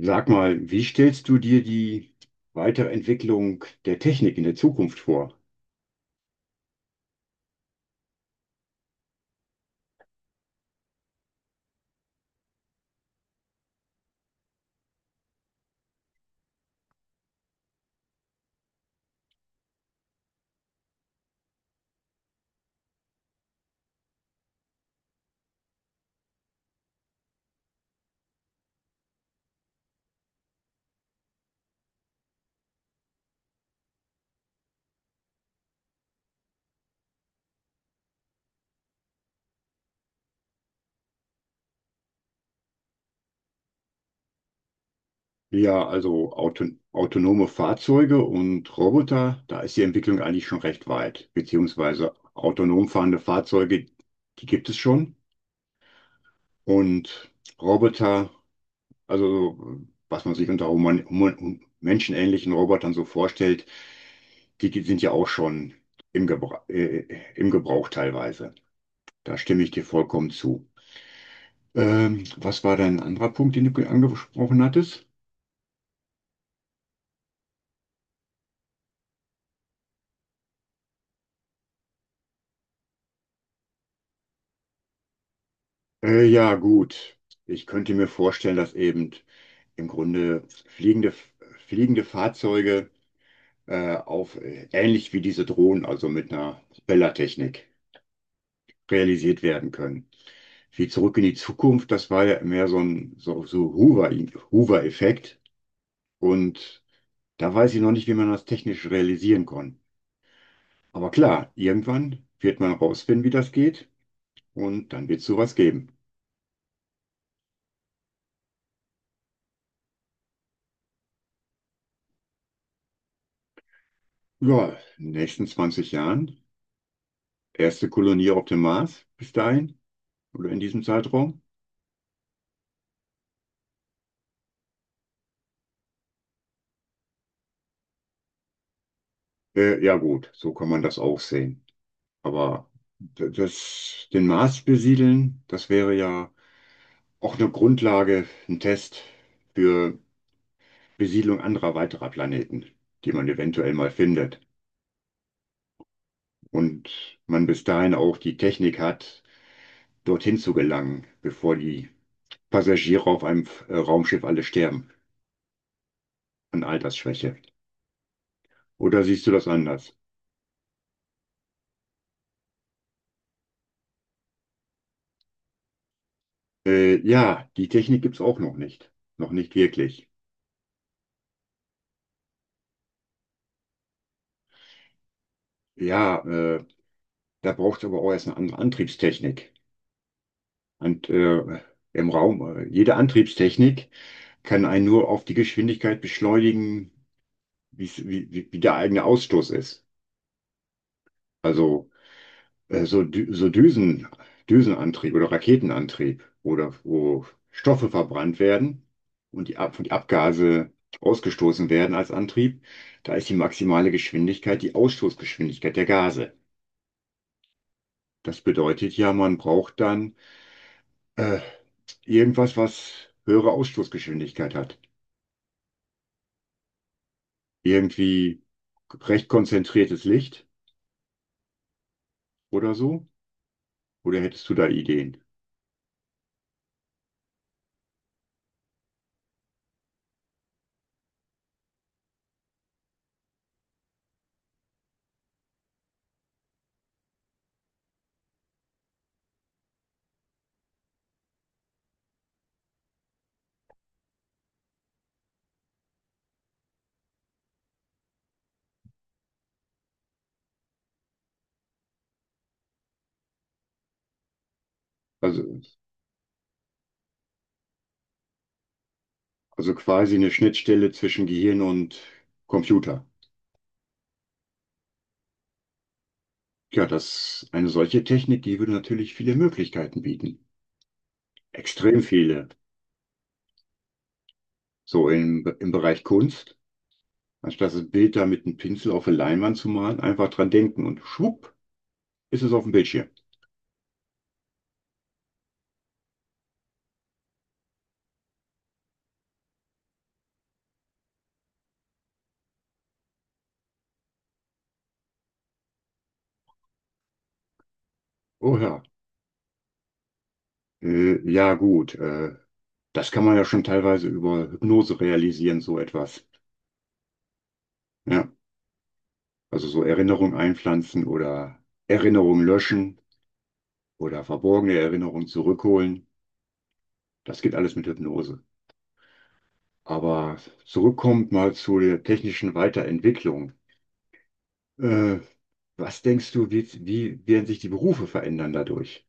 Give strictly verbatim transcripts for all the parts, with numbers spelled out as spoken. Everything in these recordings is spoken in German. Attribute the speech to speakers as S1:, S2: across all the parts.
S1: Sag mal, wie stellst du dir die Weiterentwicklung der Technik in der Zukunft vor? Ja, also auto autonome Fahrzeuge und Roboter, da ist die Entwicklung eigentlich schon recht weit, beziehungsweise autonom fahrende Fahrzeuge, die gibt es schon. Und Roboter, also so, was man sich unter human human menschenähnlichen Robotern so vorstellt, die die sind ja auch schon im Gebrauch, äh, im Gebrauch teilweise. Da stimme ich dir vollkommen zu. Ähm, was war dein anderer Punkt, den du angesprochen hattest? Äh, ja, gut. Ich könnte mir vorstellen, dass eben im Grunde fliegende, fliegende Fahrzeuge äh, auf äh, ähnlich wie diese Drohnen, also mit einer Propellertechnik, realisiert werden können. Wie Zurück in die Zukunft, das war ja mehr so ein so, so Hoover, Hoover-Effekt. Und da weiß ich noch nicht, wie man das technisch realisieren kann. Aber klar, irgendwann wird man rausfinden, wie das geht. Und dann wird es sowas geben. Ja, in den nächsten zwanzig Jahren. Erste Kolonie auf dem Mars bis dahin oder in diesem Zeitraum. Äh, ja gut, so kann man das auch sehen. Aber d- das, den Mars besiedeln, das wäre ja auch eine Grundlage, ein Test für Besiedlung anderer weiterer Planeten, die man eventuell mal findet. Und man bis dahin auch die Technik hat, dorthin zu gelangen, bevor die Passagiere auf einem äh, Raumschiff alle sterben an Altersschwäche. Oder siehst du das anders? Äh, ja, die Technik gibt's auch noch nicht. Noch nicht wirklich. Ja, äh, da braucht's aber auch erst eine andere Antriebstechnik. Und äh, im Raum, äh, jede Antriebstechnik kann einen nur auf die Geschwindigkeit beschleunigen, wie's- wie, wie, wie der eigene Ausstoß ist. Also äh, so, Dü so Düsen, Düsenantrieb oder Raketenantrieb, oder wo Stoffe verbrannt werden und die, Ab und die Abgase ausgestoßen werden als Antrieb, da ist die maximale Geschwindigkeit die Ausstoßgeschwindigkeit der Gase. Das bedeutet ja, man braucht dann äh, irgendwas, was höhere Ausstoßgeschwindigkeit hat. Irgendwie recht konzentriertes Licht oder so? Oder hättest du da Ideen? Also, also quasi eine Schnittstelle zwischen Gehirn und Computer. Ja, das, eine solche Technik, die würde natürlich viele Möglichkeiten bieten. Extrem viele. So im, im Bereich Kunst, anstatt das Bild da mit einem Pinsel auf eine Leinwand zu malen, einfach dran denken und schwupp, ist es auf dem Bildschirm. Oh ja. Äh, ja, gut. Äh, Das kann man ja schon teilweise über Hypnose realisieren, so etwas. Ja. Also so Erinnerung einpflanzen oder Erinnerung löschen oder verborgene Erinnerungen zurückholen. Das geht alles mit Hypnose. Aber zurückkommt mal zu der technischen Weiterentwicklung. Äh, Was denkst du, wie, wie werden sich die Berufe verändern dadurch?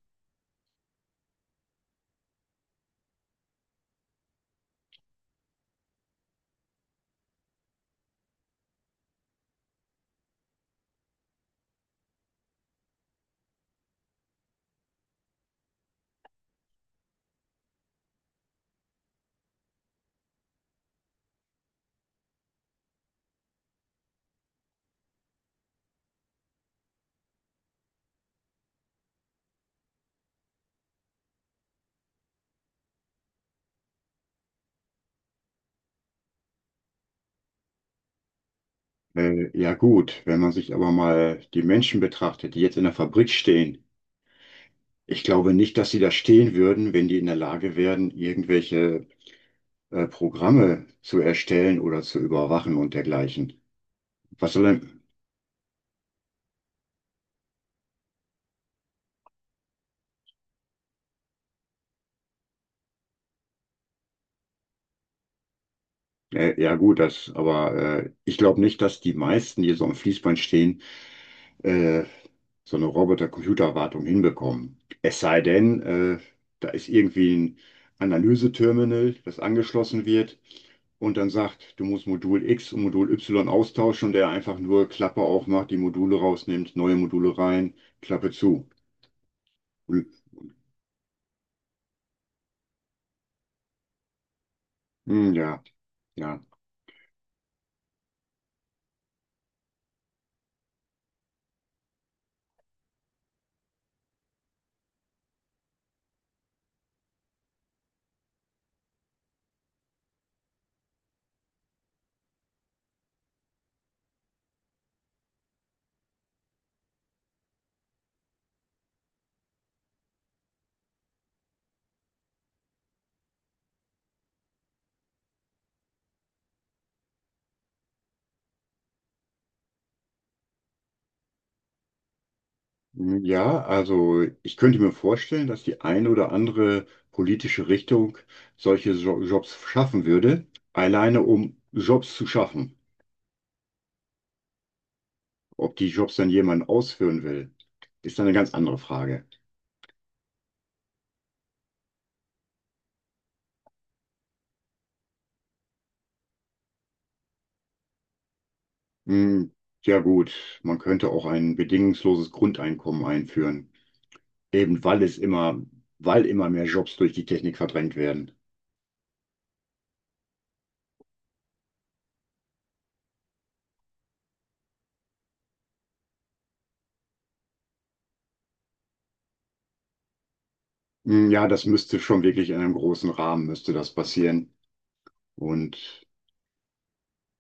S1: Äh, ja gut, wenn man sich aber mal die Menschen betrachtet, die jetzt in der Fabrik stehen, ich glaube nicht, dass sie da stehen würden, wenn die in der Lage wären, irgendwelche äh, Programme zu erstellen oder zu überwachen und dergleichen. Was soll denn? Äh, ja gut, das, aber äh, ich glaube nicht, dass die meisten, die so am Fließband stehen, äh, so eine Roboter-Computer-Wartung hinbekommen. Es sei denn, äh, da ist irgendwie ein Analyseterminal, das angeschlossen wird und dann sagt, du musst Modul X und Modul Y austauschen und der einfach nur Klappe aufmacht, die Module rausnimmt, neue Module rein, Klappe zu. Hm. Ja, ja. Hm, ja, also ich könnte mir vorstellen, dass die eine oder andere politische Richtung solche Jo- Jobs schaffen würde, alleine um Jobs zu schaffen. Ob die Jobs dann jemand ausführen will, ist dann eine ganz andere Frage. Hm, ja gut, man könnte auch ein bedingungsloses Grundeinkommen einführen, eben weil es immer, weil immer mehr Jobs durch die Technik verdrängt werden. Hm, ja, das müsste schon wirklich in einem großen Rahmen müsste das passieren. Und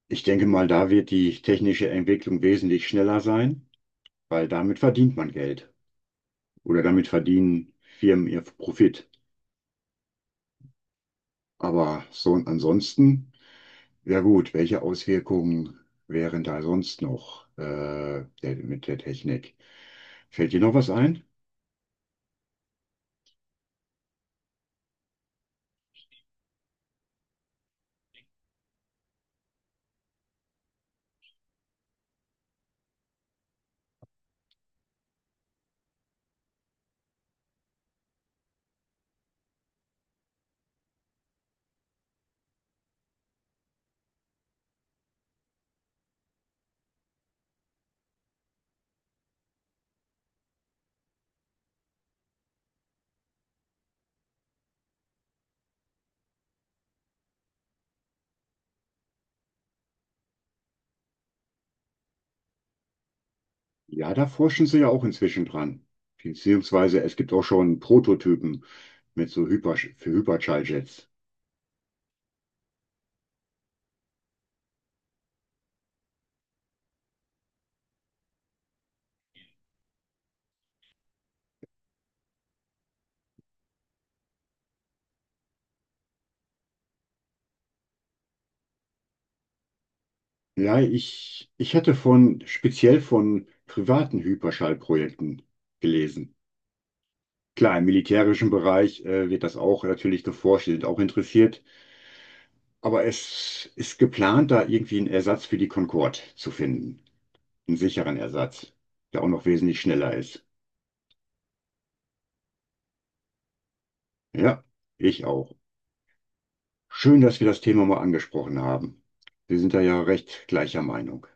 S1: ich denke mal, da wird die technische Entwicklung wesentlich schneller sein, weil damit verdient man Geld oder damit verdienen Firmen ihr Profit. Aber so und ansonsten. Ja gut, welche Auswirkungen wären da sonst noch äh, der, mit der Technik? Fällt dir noch was ein? Ja, da forschen sie ja auch inzwischen dran. Beziehungsweise es gibt auch schon Prototypen mit so Hyper, für Hyperschalljets. Ja, ich, ich hatte von speziell von privaten Hyperschallprojekten gelesen. Klar, im militärischen Bereich äh, wird das auch natürlich geforscht, die sind auch interessiert. Aber es ist geplant, da irgendwie einen Ersatz für die Concorde zu finden. Einen sicheren Ersatz, der auch noch wesentlich schneller ist. Ja, ich auch. Schön, dass wir das Thema mal angesprochen haben. Wir sind da ja recht gleicher Meinung.